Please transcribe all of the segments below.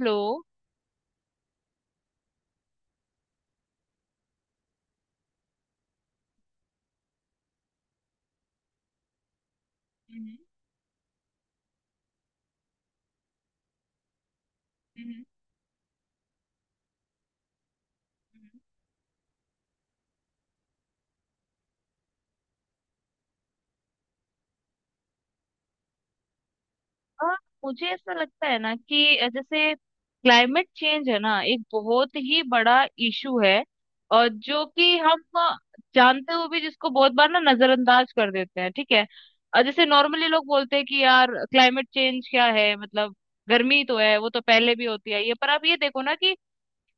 लो। हम्म, हम्म, हम्म, और मुझे ऐसा लगता है ना कि जैसे क्लाइमेट चेंज है ना एक बहुत ही बड़ा इशू है। और जो कि हम जानते हुए भी जिसको बहुत बार ना नजरअंदाज कर देते हैं, ठीक है। और जैसे नॉर्मली लोग बोलते हैं कि यार क्लाइमेट चेंज क्या है, मतलब गर्मी तो है वो तो पहले भी होती आई है, पर आप ये देखो ना कि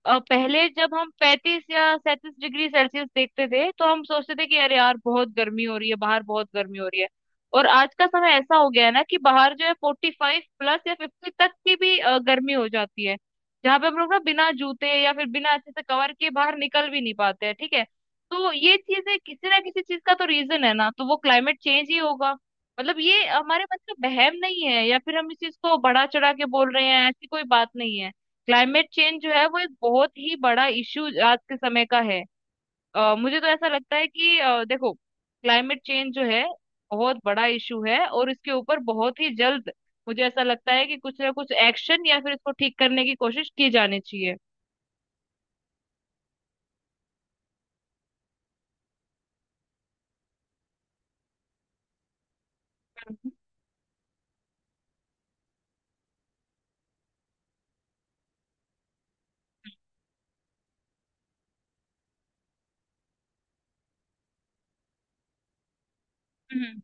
पहले जब हम 35 या 37 डिग्री सेल्सियस देखते थे तो हम सोचते थे कि अरे यार बहुत गर्मी हो रही है, बाहर बहुत गर्मी हो रही है। और आज का समय ऐसा हो गया है ना कि बाहर जो है 45 प्लस या 50 तक की भी गर्मी हो जाती है, जहाँ पे हम लोग ना बिना जूते या फिर बिना अच्छे से कवर के बाहर निकल भी नहीं पाते हैं, ठीक है। तो ये चीजें किसी ना किसी चीज का तो रीजन है ना, तो वो क्लाइमेट चेंज ही होगा। मतलब ये हमारे मन का बहम नहीं है या फिर हम इस चीज को बढ़ा चढ़ा के बोल रहे हैं, ऐसी कोई बात नहीं है। क्लाइमेट चेंज जो है वो एक बहुत ही बड़ा इश्यू आज के समय का है। मुझे तो ऐसा लगता है कि देखो क्लाइमेट चेंज जो है बहुत बड़ा इशू है, और इसके ऊपर बहुत ही जल्द मुझे ऐसा लगता है कि कुछ ना कुछ एक्शन या फिर इसको ठीक करने की कोशिश की जानी चाहिए। हम्म, हम्म,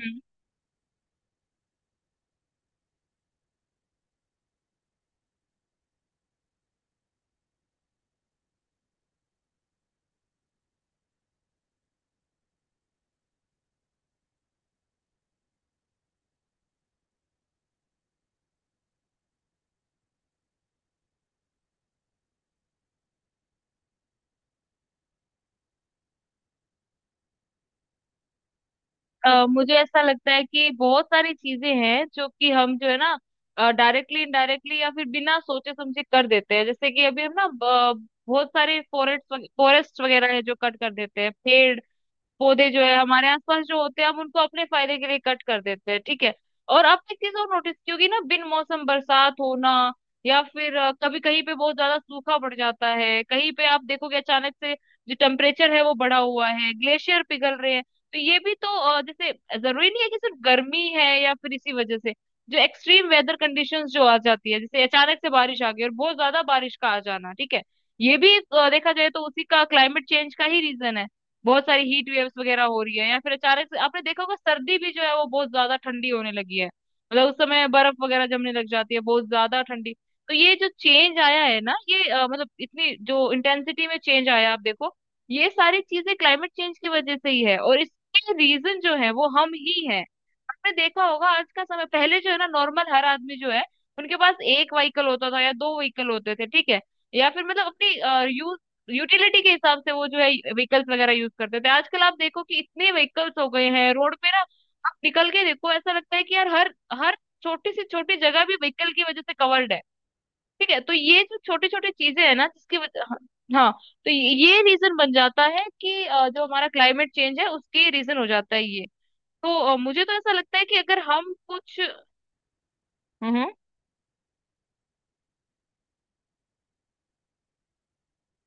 हम्म, मुझे ऐसा लगता है कि बहुत सारी चीजें हैं जो कि हम जो है ना डायरेक्टली इनडायरेक्टली या फिर बिना सोचे समझे कर देते हैं, जैसे कि अभी हम ना बहुत सारे फॉरेस्ट फॉरेस्ट वगैरह है जो कट कर देते हैं, पेड़ पौधे जो है हमारे आसपास जो होते हैं हम उनको अपने फायदे के लिए कट कर देते हैं, ठीक है। और आपने एक चीज और नोटिस की होगी ना, बिन मौसम बरसात होना, या फिर कभी कहीं पे बहुत ज्यादा सूखा पड़ जाता है, कहीं पे आप देखोगे अचानक से जो टेम्परेचर है वो बढ़ा हुआ है, ग्लेशियर पिघल रहे हैं। तो ये भी तो जैसे जरूरी नहीं है कि सिर्फ गर्मी है, या फिर इसी वजह से जो एक्सट्रीम वेदर कंडीशंस जो आ जाती है, जैसे अचानक से बारिश आ गई और बहुत ज्यादा बारिश का आ जाना, ठीक है। ये भी देखा जाए तो उसी का, क्लाइमेट चेंज का ही रीजन है। बहुत सारी हीट वेव्स वगैरह हो रही है, या फिर अचानक से आपने देखा होगा सर्दी भी जो है वो बहुत ज्यादा ठंडी होने लगी है, मतलब उस समय बर्फ वगैरह जमने लग जाती है बहुत ज्यादा ठंडी। तो ये जो चेंज आया है ना ये मतलब इतनी जो इंटेंसिटी में चेंज आया आप देखो, ये सारी चीजें क्लाइमेट चेंज की वजह से ही है, और इसके रीजन जो है वो हम ही हैं। आपने देखा होगा, आज का समय पहले जो है ना, नॉर्मल हर आदमी जो है उनके पास एक व्हीकल होता था या दो व्हीकल होते थे, ठीक है। या फिर मतलब अपनी यूटिलिटी के हिसाब से वो जो है व्हीकल्स वगैरह यूज करते थे। आजकल आप देखो कि इतने व्हीकल्स हो गए हैं रोड पे ना, आप निकल के देखो ऐसा लगता है कि यार हर हर छोटी सी छोटी जगह भी व्हीकल की वजह से कवर्ड है, ठीक है। तो ये जो छोटी छोटी चीजें है ना जिसकी वजह, हाँ, हाँ, तो ये रीजन बन जाता है कि जो हमारा क्लाइमेट चेंज है उसके रीजन हो जाता है ये। तो मुझे तो ऐसा लगता है कि अगर हम कुछ, हम्म,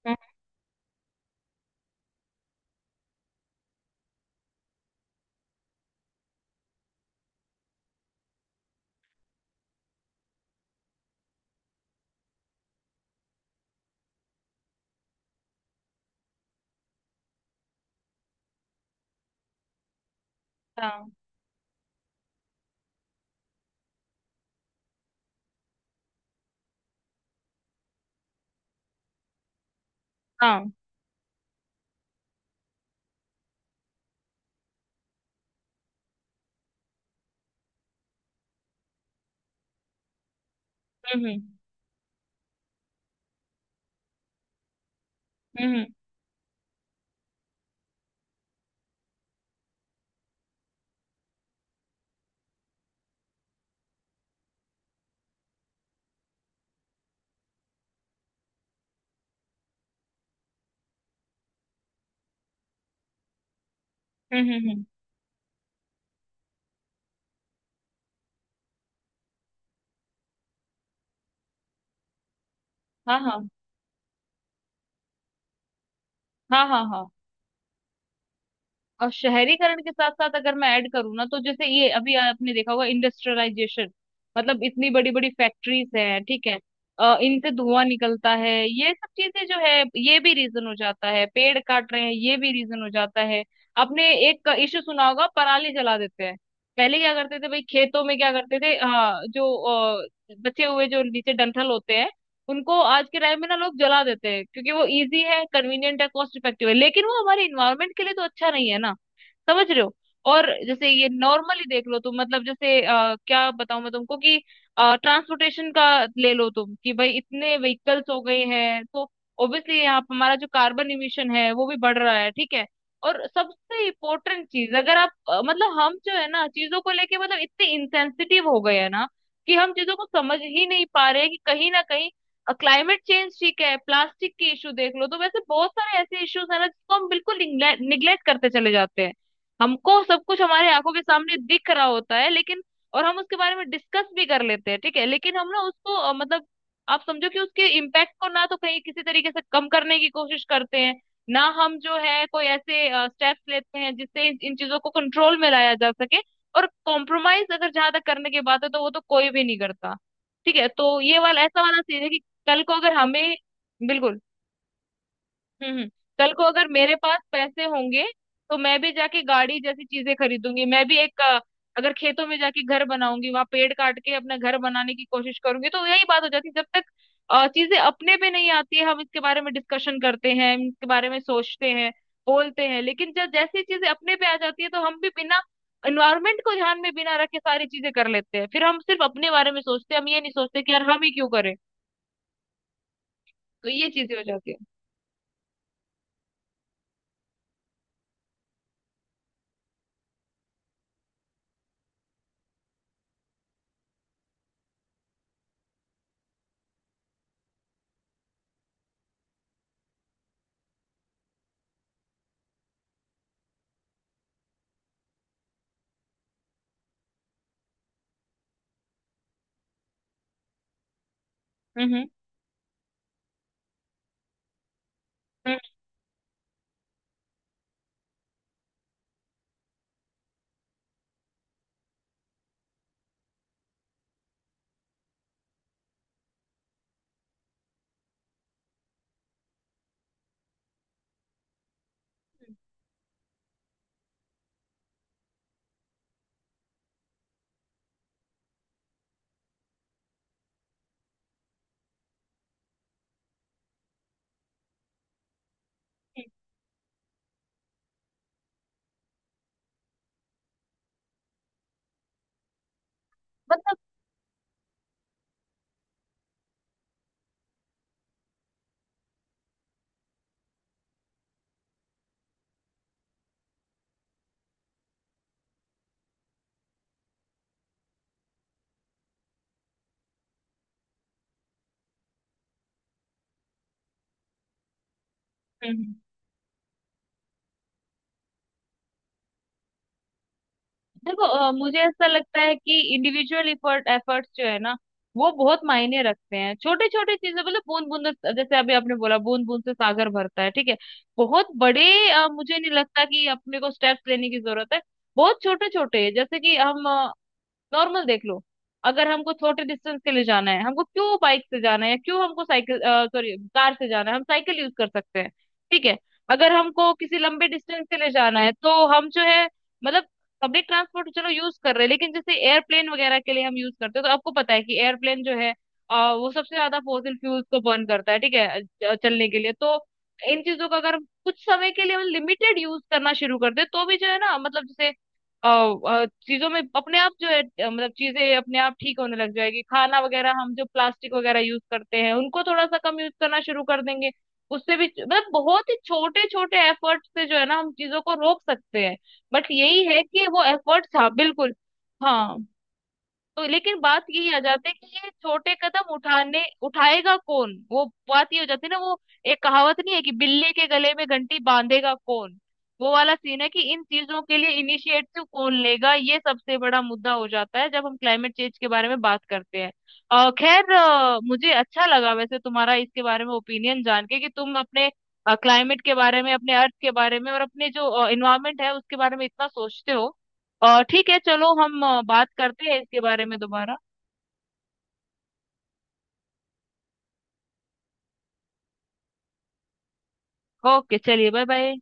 हम्म, हाँ, हाँ, हम्म, हम्म, हम्म, हम्म, हम्म, हाँ, हाँ, हाँ, हाँ, हाँ, हाँ। और शहरीकरण के साथ साथ अगर मैं ऐड करूँ ना, तो जैसे ये अभी आपने देखा होगा इंडस्ट्रियलाइजेशन, मतलब इतनी बड़ी बड़ी फैक्ट्रीज हैं, ठीक है। इनसे धुआं निकलता है, ये सब चीजें जो है ये भी रीजन हो जाता है, पेड़ काट रहे हैं ये भी रीजन हो जाता है। आपने एक इशू सुना होगा, पराली जला देते हैं, पहले क्या करते थे भाई खेतों में क्या करते थे, हाँ, जो बचे हुए जो नीचे डंठल होते हैं उनको आज के टाइम में ना लोग जला देते हैं, क्योंकि वो इजी है, कन्वीनियंट है, कॉस्ट इफेक्टिव है, लेकिन वो हमारे इन्वायरमेंट के लिए तो अच्छा नहीं है ना, समझ रहे हो। और जैसे ये नॉर्मली देख लो तुम, मतलब जैसे क्या बताऊं मैं तुमको कि ट्रांसपोर्टेशन का ले लो तुम, कि भाई इतने व्हीकल्स हो गए हैं तो ऑब्वियसली यहाँ पे हमारा जो कार्बन इमिशन है वो भी बढ़ रहा है, ठीक है। और सबसे इम्पोर्टेंट चीज, अगर आप मतलब हम जो है ना चीजों को लेके, मतलब इतने इंसेंसिटिव हो गए हैं ना कि हम चीजों को समझ ही नहीं पा रहे हैं कि कहीं ना कहीं क्लाइमेट चेंज, ठीक है, प्लास्टिक के इशू देख लो, तो वैसे बहुत सारे ऐसे इश्यूज है ना जिसको हम बिल्कुल निग्लेक्ट करते चले जाते हैं। हमको सब कुछ हमारे आंखों के सामने दिख रहा होता है लेकिन, और हम उसके बारे में डिस्कस भी कर लेते हैं, ठीक है, लेकिन हम ना उसको मतलब आप समझो कि उसके इम्पैक्ट को ना तो कहीं किसी तरीके से कम करने की कोशिश करते हैं, ना हम जो है कोई ऐसे स्टेप्स लेते हैं जिससे इन चीजों को कंट्रोल में लाया जा सके। और कॉम्प्रोमाइज अगर जहां तक करने की बात है तो वो तो कोई भी नहीं करता, ठीक है। तो ये वाला ऐसा वाला सीन है कि कल को अगर हमें, बिल्कुल, हम्म, कल को अगर मेरे पास पैसे होंगे, तो मैं भी जाके गाड़ी जैसी चीजें खरीदूंगी, मैं भी एक अगर खेतों में जाके घर बनाऊंगी, वहां पेड़ काट के अपना घर बनाने की कोशिश करूंगी, तो यही बात हो जाती है, जब तक चीजें अपने पे नहीं आती है हम इसके बारे में डिस्कशन करते हैं, इसके बारे में सोचते हैं, बोलते हैं। लेकिन जब जैसी चीजें अपने पे आ जाती है तो हम भी बिना एनवायरमेंट को ध्यान में बिना रखे सारी चीजें कर लेते हैं, फिर हम सिर्फ अपने बारे में सोचते हैं, हम ये नहीं सोचते कि यार हम ही क्यों करें। तो ये चीजें हो जाती है, हम्म, हम्म, हम्म, हम्म। मतलब, हम्म, देखो, मुझे ऐसा लगता है कि इंडिविजुअल एफर्ट्स जो है ना वो बहुत मायने रखते हैं, छोटे छोटे चीजें, मतलब बूंद बूंद से- जैसे अभी आपने बोला बूंद बूंद से सागर भरता है, ठीक है। बहुत बड़े मुझे नहीं लगता कि अपने को स्टेप्स लेने की जरूरत है, बहुत छोटे छोटे, जैसे कि हम नॉर्मल देख लो, अगर हमको छोटे डिस्टेंस के लिए जाना है, हमको क्यों बाइक से जाना है, क्यों हमको साइकिल सॉरी कार से जाना है, हम साइकिल यूज कर सकते हैं, ठीक है। अगर हमको किसी लंबे डिस्टेंस के लिए जाना है तो हम जो है मतलब पब्लिक ट्रांसपोर्ट चलो यूज कर रहे हैं, लेकिन जैसे एयरप्लेन वगैरह के लिए हम यूज करते हैं, तो आपको पता है कि एयरप्लेन जो है वो सबसे ज्यादा फॉसिल फ्यूल्स को बर्न करता है, ठीक है, चलने के लिए। तो इन चीजों का अगर हम कुछ समय के लिए लिमिटेड यूज करना शुरू कर दे तो भी जो है ना, मतलब जैसे चीजों में अपने आप जो है, मतलब चीजें अपने आप ठीक होने लग जाएगी, खाना वगैरह हम जो प्लास्टिक वगैरह यूज करते हैं उनको थोड़ा सा कम यूज करना शुरू कर देंगे, उससे भी मतलब बहुत ही छोटे छोटे एफर्ट से जो है ना हम चीजों को रोक सकते हैं। बट यही है कि वो एफर्ट्स, हाँ, बिल्कुल, हाँ। तो लेकिन बात यही आ जाती है कि ये छोटे कदम उठाने, उठाएगा कौन वो बात, ये हो जाती है ना वो, एक कहावत नहीं है कि बिल्ली के गले में घंटी बांधेगा कौन, वो वाला सीन है कि इन चीजों के लिए इनिशिएटिव कौन लेगा, ये सबसे बड़ा मुद्दा हो जाता है जब हम क्लाइमेट चेंज के बारे में बात करते हैं। खैर मुझे अच्छा लगा वैसे तुम्हारा इसके बारे में ओपिनियन जान के, कि तुम अपने क्लाइमेट के बारे में, अपने अर्थ के बारे में, और अपने जो इन्वायरमेंट है उसके बारे में इतना सोचते हो। और ठीक है, चलो हम बात करते हैं इसके बारे में दोबारा। ओके, चलिए, बाय बाय।